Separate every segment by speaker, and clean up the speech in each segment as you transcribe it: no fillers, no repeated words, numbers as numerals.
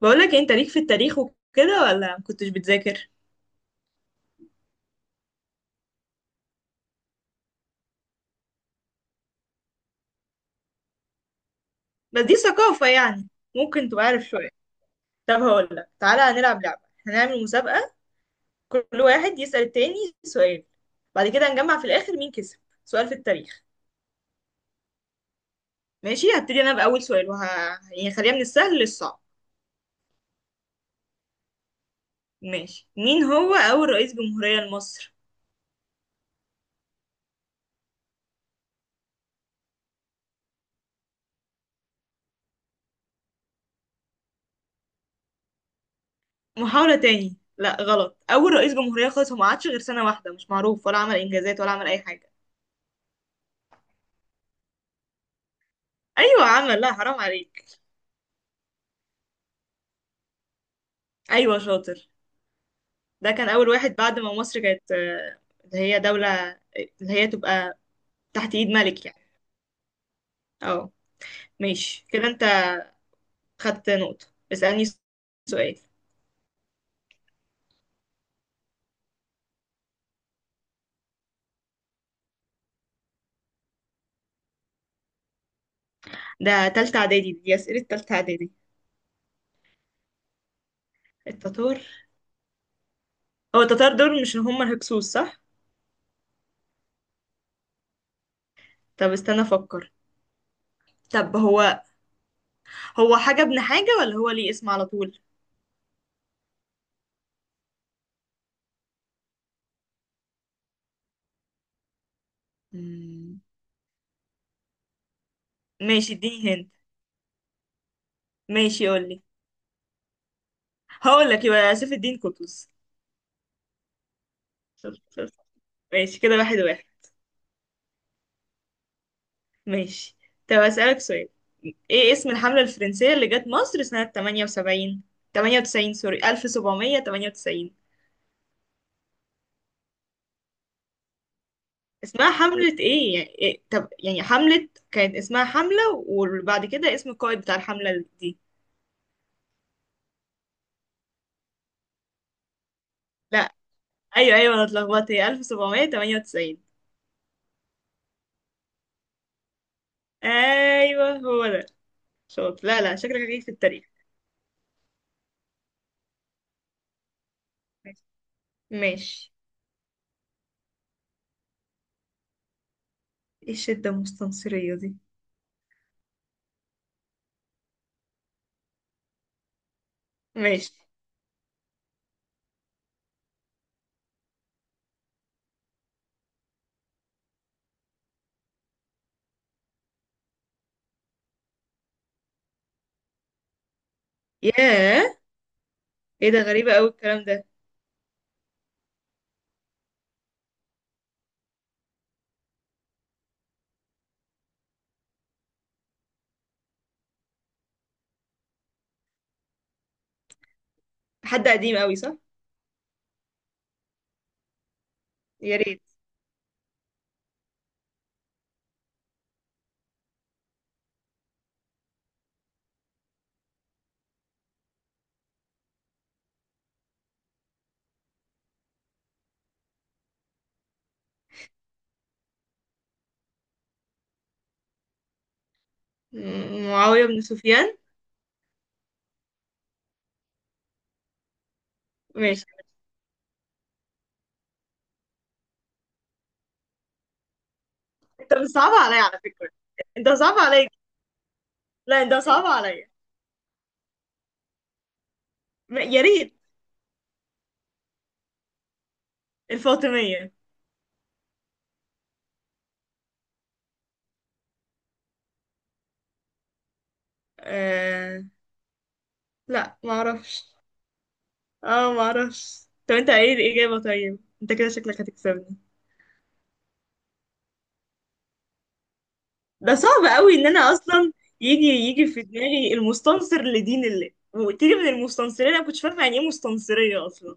Speaker 1: بقولك إيه، انت ليك في التاريخ وكده ولا مكنتش بتذاكر؟ بس دي ثقافة يعني. ممكن تبقى عارف شوية. طب هقولك، تعالى هنلعب لعبة. هنعمل مسابقة. كل واحد يسأل التاني سؤال. بعد كده هنجمع في الآخر مين كسب. سؤال في التاريخ. ماشي، هبتدي أنا بأول سؤال يعني خليها من السهل للصعب. ماشي، مين هو أول رئيس جمهورية لمصر؟ محاولة تاني. لا غلط. أول رئيس جمهورية خالص، هو ما عادش غير سنة واحدة، مش معروف ولا عمل إنجازات ولا عمل أي حاجة. أيوة عمل، لا حرام عليك. أيوة شاطر. ده كان أول واحد بعد ما مصر كانت اللي هي دولة، اللي هي تبقى تحت إيد ملك يعني. اه. ماشي كده، أنت خدت نقطة. اسألني سؤال. ده تالتة إعدادي، دي أسئلة تالتة إعدادي. التتار، هو التتار دول مش هم الهكسوس صح؟ طب استنى أفكر. طب هو، هو حاجة ابن حاجة ولا هو ليه اسم على طول؟ مم. ماشي اديني هند. ماشي قولي. هقول لك يبقى سيف الدين قطز. شفت شفت. ماشي كده، واحد واحد. ماشي. طب أسألك سؤال. ايه اسم الحملة الفرنسية اللي جت مصر سنة 78، 98 سوري 1798. اسمها حملة ايه يعني إيه؟ طب يعني حملة كانت اسمها حملة، وبعد كده اسم القائد بتاع الحملة دي. لا. ايوه ايوه انا اتلخبطت، هي 1798. ايوه هو ده. شاطر. لا لا شكلك هجيك في التاريخ. ماشي. ماشي. ايه الشدة المستنصرية دي؟ ماشي. ياه. ايه ده، غريبة قوي الكلام ده. حد قديم قوي صح؟ يا ريت. معاوية بن سفيان. ماشي. انت بتصعب عليا على فكرة. انت صعب عليا. لا انت صعب عليا. يا ريت. الفاطمية. آه... لا ما اعرفش. اه ما اعرفش. طب انت ايه الإجابة؟ طيب انت كده شكلك هتكسبني. ده صعب قوي ان انا اصلا يجي يجي في دماغي المستنصر لدين الله، وقلت لي من المستنصرين، انا كنتش فاهمة يعني ايه مستنصرية اصلا.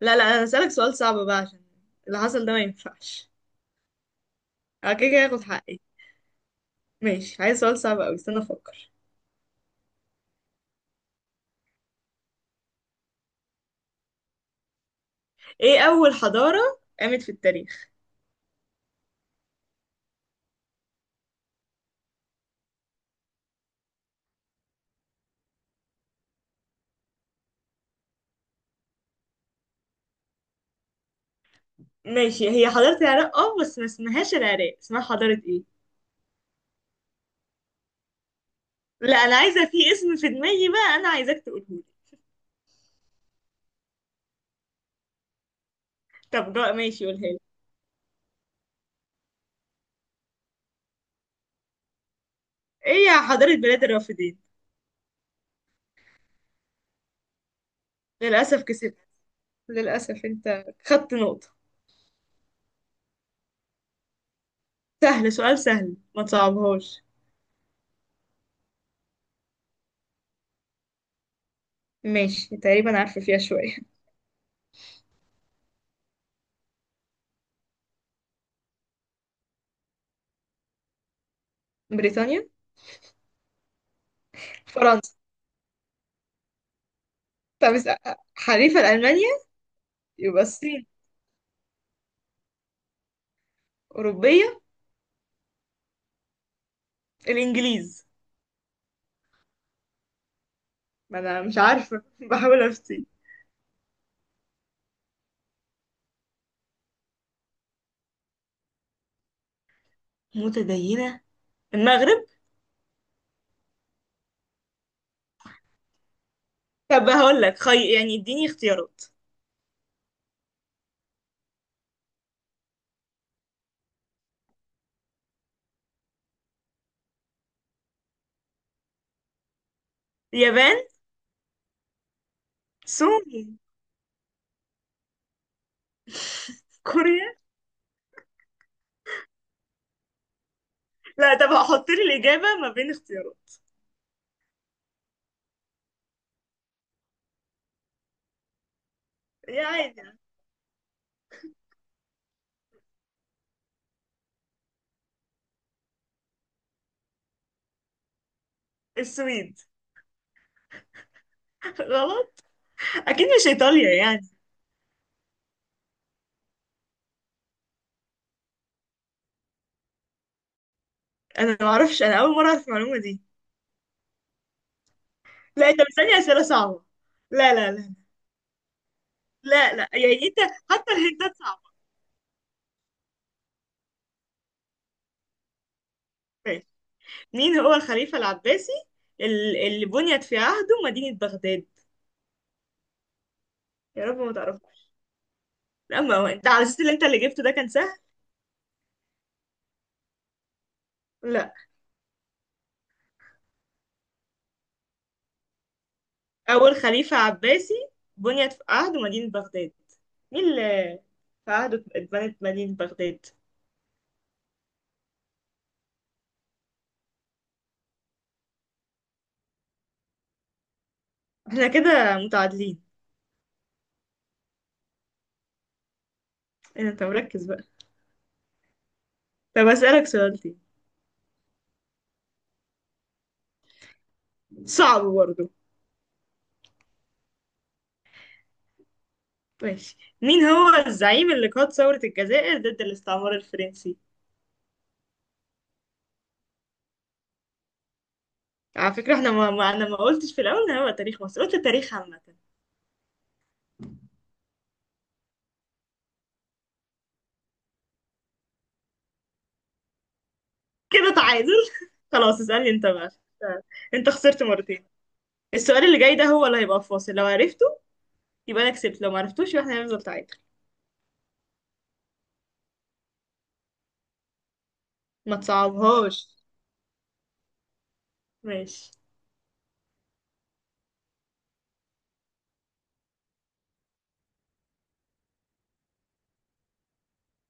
Speaker 1: لا لا، انا هسألك سؤال صعب بقى عشان اللي حصل ده ما ينفعش. اه كده كده هاخد حقي. ماشي، عايز سؤال صعب قوي، استنى افكر. ايه اول حضارة قامت في التاريخ؟ ماشي، هي حضارة العراق اه بس ما اسمهاش العراق، اسمها حضارة ايه؟ لا انا عايزة، في اسم في دماغي بقى، انا عايزاك تقولهولي. طب جا ماشي قولها لي. ايه يا حضارة بلاد الرافدين. للأسف كسبت. للأسف انت خدت نقطة. سهل سؤال سهل، ما تصعبهاش. ماشي تقريبا عارفة فيها شوية. بريطانيا. فرنسا. طب حليفة لألمانيا يبقى الصين. أوروبية. الإنجليز. ما أنا مش عارفة. بحاول أفتي. متدينة، المغرب. طب هقول لك يعني اديني اختيارات. اليابان. سوريا. كوريا. لا، طب هحط لي الإجابة ما بين اختيارات. يعني. السويد. غلط. أكيد مش إيطاليا يعني. أنا ما أعرفش، أنا أول مرة أعرف المعلومة دي. لا أنت بتسألني أسئلة صعبة. لا لا لا. لا لا يعني أنت، حتى الهنتات صعبة. ماشي. مين هو الخليفة العباسي اللي بنيت في عهده مدينة بغداد؟ يا رب ما تعرفه. لا، ما هو أنت على أساس اللي أنت اللي جبته ده كان سهل. لا. أول خليفة عباسي بنيت في عهد مدينة بغداد. مين اللي في عهده اتبنت مدينة بغداد؟ احنا كده متعادلين. إيه، ده، انت مركز بقى. طب أسألك سؤال تاني. صعب برضه. ماشي، مين هو الزعيم اللي قاد ثورة الجزائر ضد الاستعمار الفرنسي؟ على فكرة احنا ما أنا ما قلتش في الأول إن هو تاريخ مصر، قلت تاريخ عامة. كده تعادل. خلاص اسألني انت بقى. انت خسرت مرتين. السؤال اللي جاي ده هو اللي هيبقى في فاصل، لو عرفته يبقى انا كسبت، لو ما عرفتوش يبقى احنا هنفضل تعادل. ما تصعبهاش. ماشي.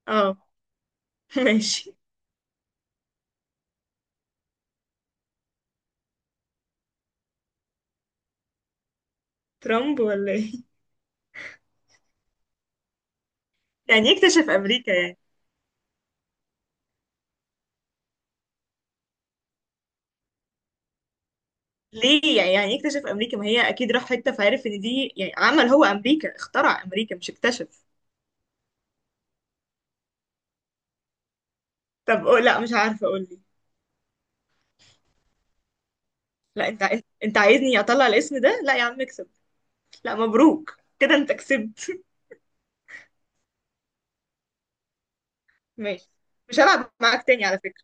Speaker 1: اه. ماشي. ترامب ولا ايه؟ يعني يكتشف امريكا يعني؟ ليه يعني يكتشف امريكا، ما هي اكيد راح حته فعرف ان دي، يعني عمل هو امريكا، اخترع امريكا مش اكتشف. طب قول لا مش عارفه اقول لي. لا انت أنت عايزني اطلع الاسم ده. لا يا عم اكسب. لا مبروك، كده انت كسبت. ماشي. مش هلعب معاك تاني على فكره.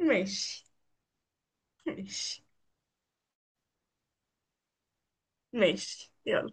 Speaker 1: ماشي ماشي ماشي يلا.